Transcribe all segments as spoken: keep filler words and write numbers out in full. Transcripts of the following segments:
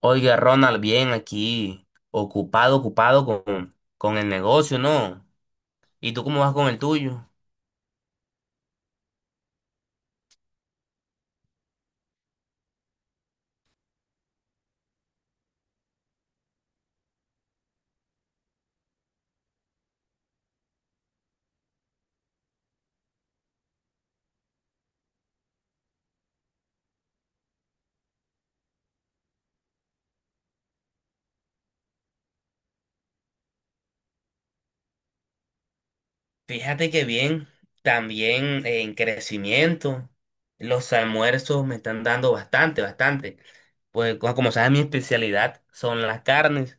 Oiga, Ronald, bien aquí, ocupado, ocupado con, con el negocio, ¿no? ¿Y tú cómo vas con el tuyo? Fíjate que bien, también en crecimiento. Los almuerzos me están dando bastante, bastante. Pues co- como sabes, mi especialidad son las carnes,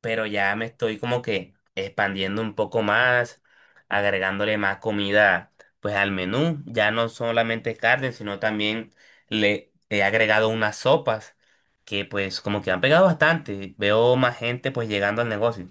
pero ya me estoy como que expandiendo un poco más, agregándole más comida pues al menú, ya no solamente carne, sino también le he agregado unas sopas que pues como que han pegado bastante, veo más gente pues llegando al negocio.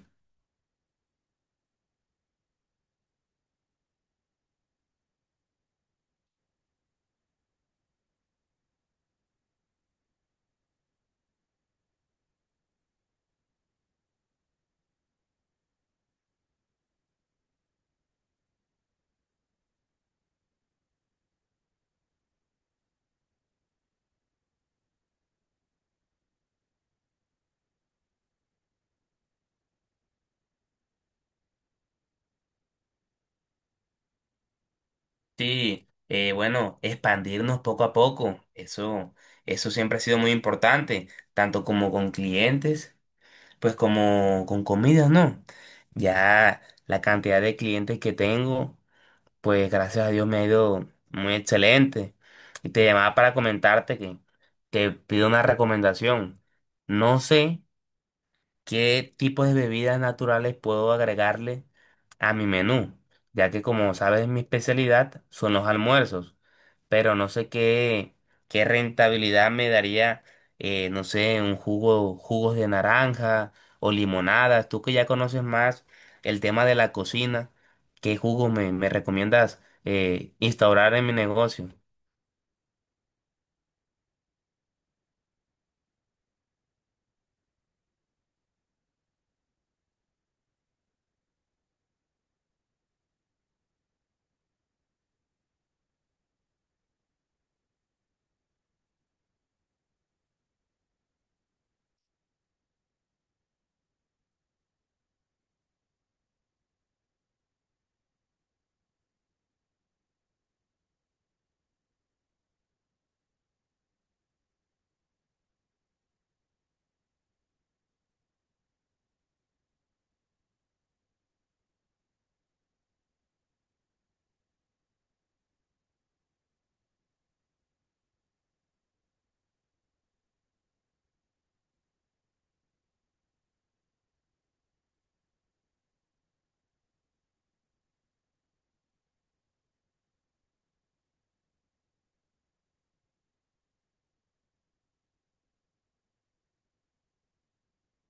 Sí, eh, bueno, expandirnos poco a poco, eso, eso siempre ha sido muy importante, tanto como con clientes, pues como con comidas, ¿no? Ya la cantidad de clientes que tengo. Pues gracias a Dios me ha ido muy excelente. Y te llamaba para comentarte que te pido una recomendación. No sé qué tipos de bebidas naturales puedo agregarle a mi menú, ya que como sabes mi especialidad son los almuerzos, pero no sé qué, qué rentabilidad me daría, eh, no sé, un jugo, jugos de naranja o limonadas, tú que ya conoces más el tema de la cocina, ¿qué jugo me, me recomiendas eh, instaurar en mi negocio?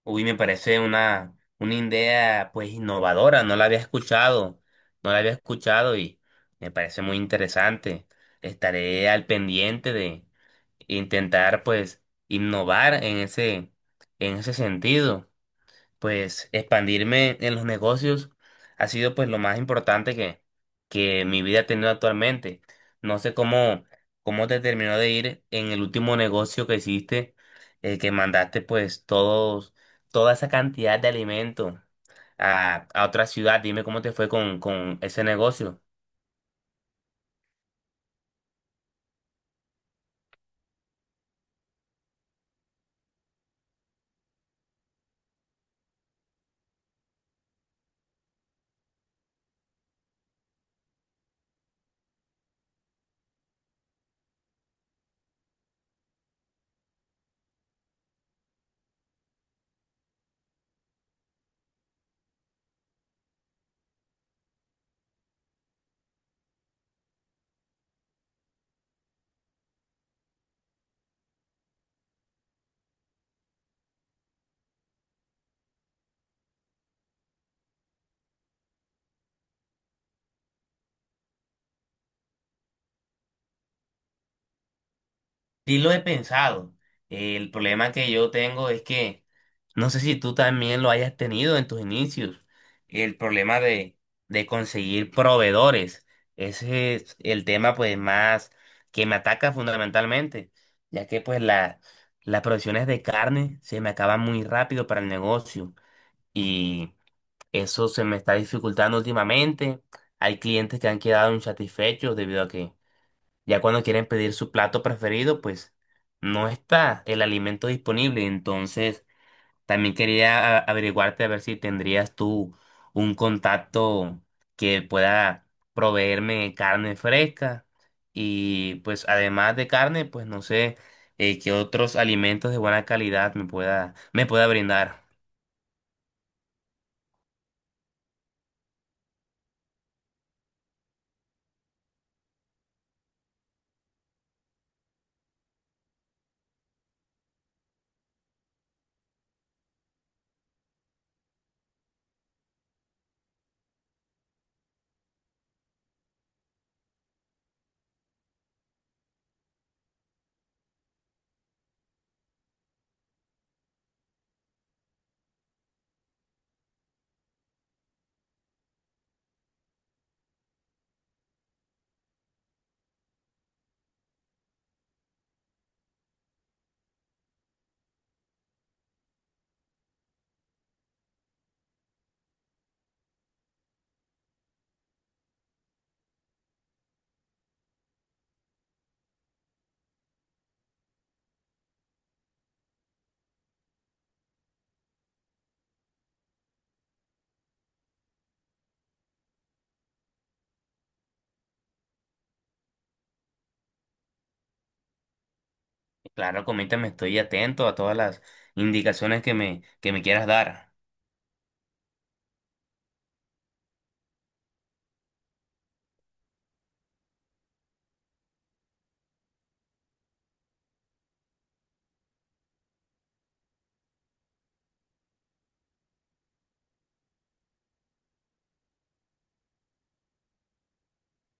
Uy, me parece una, una idea pues innovadora, no la había escuchado, no la había escuchado y me parece muy interesante. Estaré al pendiente de intentar pues innovar en ese, en ese sentido, pues expandirme en los negocios ha sido pues lo más importante que, que mi vida ha tenido actualmente. No sé cómo, cómo te terminó de ir en el último negocio que hiciste, eh, que mandaste pues todos, toda esa cantidad de alimentos a, a otra ciudad. Dime cómo te fue con, con ese negocio. Sí lo he pensado. El problema que yo tengo es que no sé si tú también lo hayas tenido en tus inicios. El problema de, de conseguir proveedores. Ese es el tema pues más que me ataca fundamentalmente, ya que pues la- las provisiones de carne se me acaban muy rápido para el negocio y eso se me está dificultando últimamente. Hay clientes que han quedado insatisfechos debido a que ya cuando quieren pedir su plato preferido, pues no está el alimento disponible. Entonces, también quería a- averiguarte a ver si tendrías tú un contacto que pueda proveerme carne fresca. Y pues además de carne, pues no sé eh, qué otros alimentos de buena calidad me pueda, me pueda brindar. Claro, coméntame, estoy atento a todas las indicaciones que me, que me quieras dar.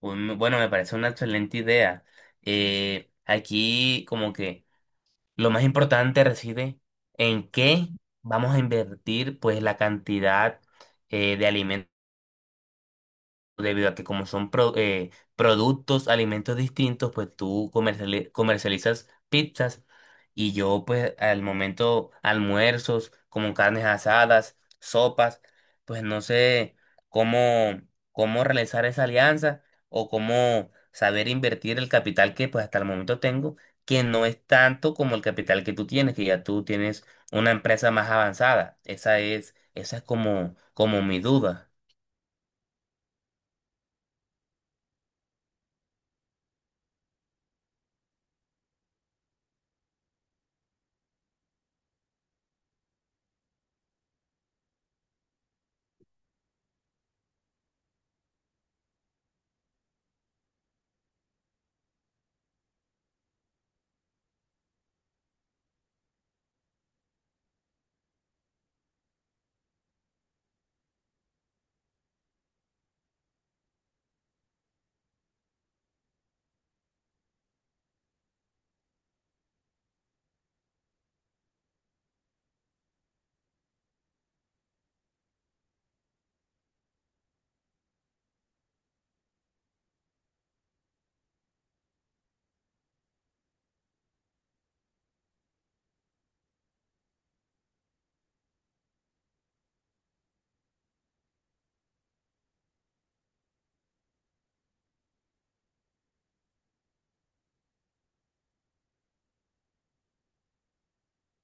Un- bueno, me parece una excelente idea. Eh, aquí como que lo más importante reside en qué vamos a invertir pues la cantidad eh, de alimentos, debido a que como son pro- eh, productos, alimentos distintos, pues tú comerciali- comercializas pizzas y yo pues al momento almuerzos, como carnes asadas, sopas, pues no sé cómo, cómo realizar esa alianza o cómo saber invertir el capital que pues hasta el momento tengo, que no es tanto como el capital que tú tienes, que ya tú tienes una empresa más avanzada. Esa es, esa es como, como mi duda.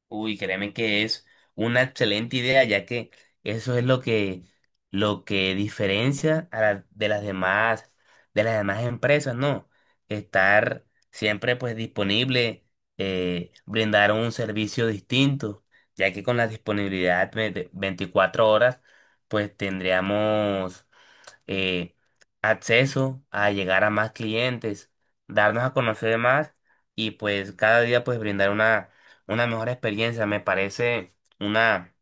Uy, créeme que es una excelente idea, ya que eso es lo que, lo que diferencia a la- de las demás, de las demás empresas, ¿no? Estar siempre pues disponible, eh, brindar un servicio distinto, ya que con la disponibilidad de de veinticuatro horas, pues tendríamos eh, acceso a llegar a más clientes, darnos a conocer más y pues cada día pues brindar una, una mejor experiencia. Me parece una,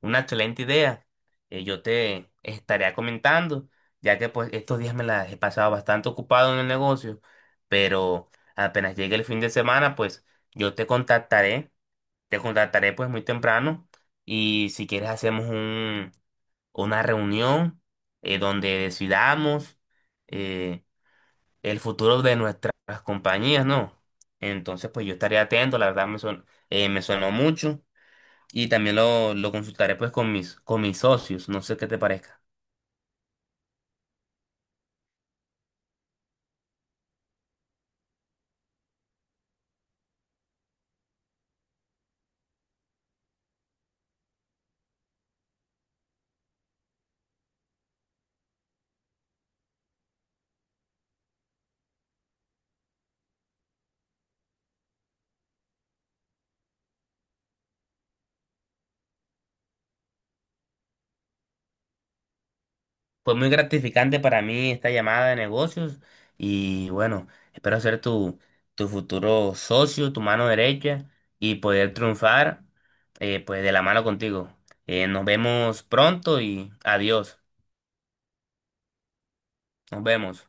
una excelente idea. Eh, yo te estaría comentando, ya que pues estos días me las he pasado bastante ocupado en el negocio, pero apenas llegue el fin de semana pues yo te contactaré, te contactaré pues muy temprano y si quieres hacemos una reunión eh, donde decidamos eh, el futuro de nuestras compañías, ¿no? Entonces, pues yo estaré atento, la verdad me, son- eh, me sonó mucho y también lo, lo consultaré pues con mis, con mis socios, no sé qué te parezca. Fue muy gratificante para mí esta llamada de negocios y bueno, espero ser tu, tu futuro socio, tu mano derecha y poder triunfar eh, pues de la mano contigo. Eh, nos vemos pronto y adiós. Nos vemos.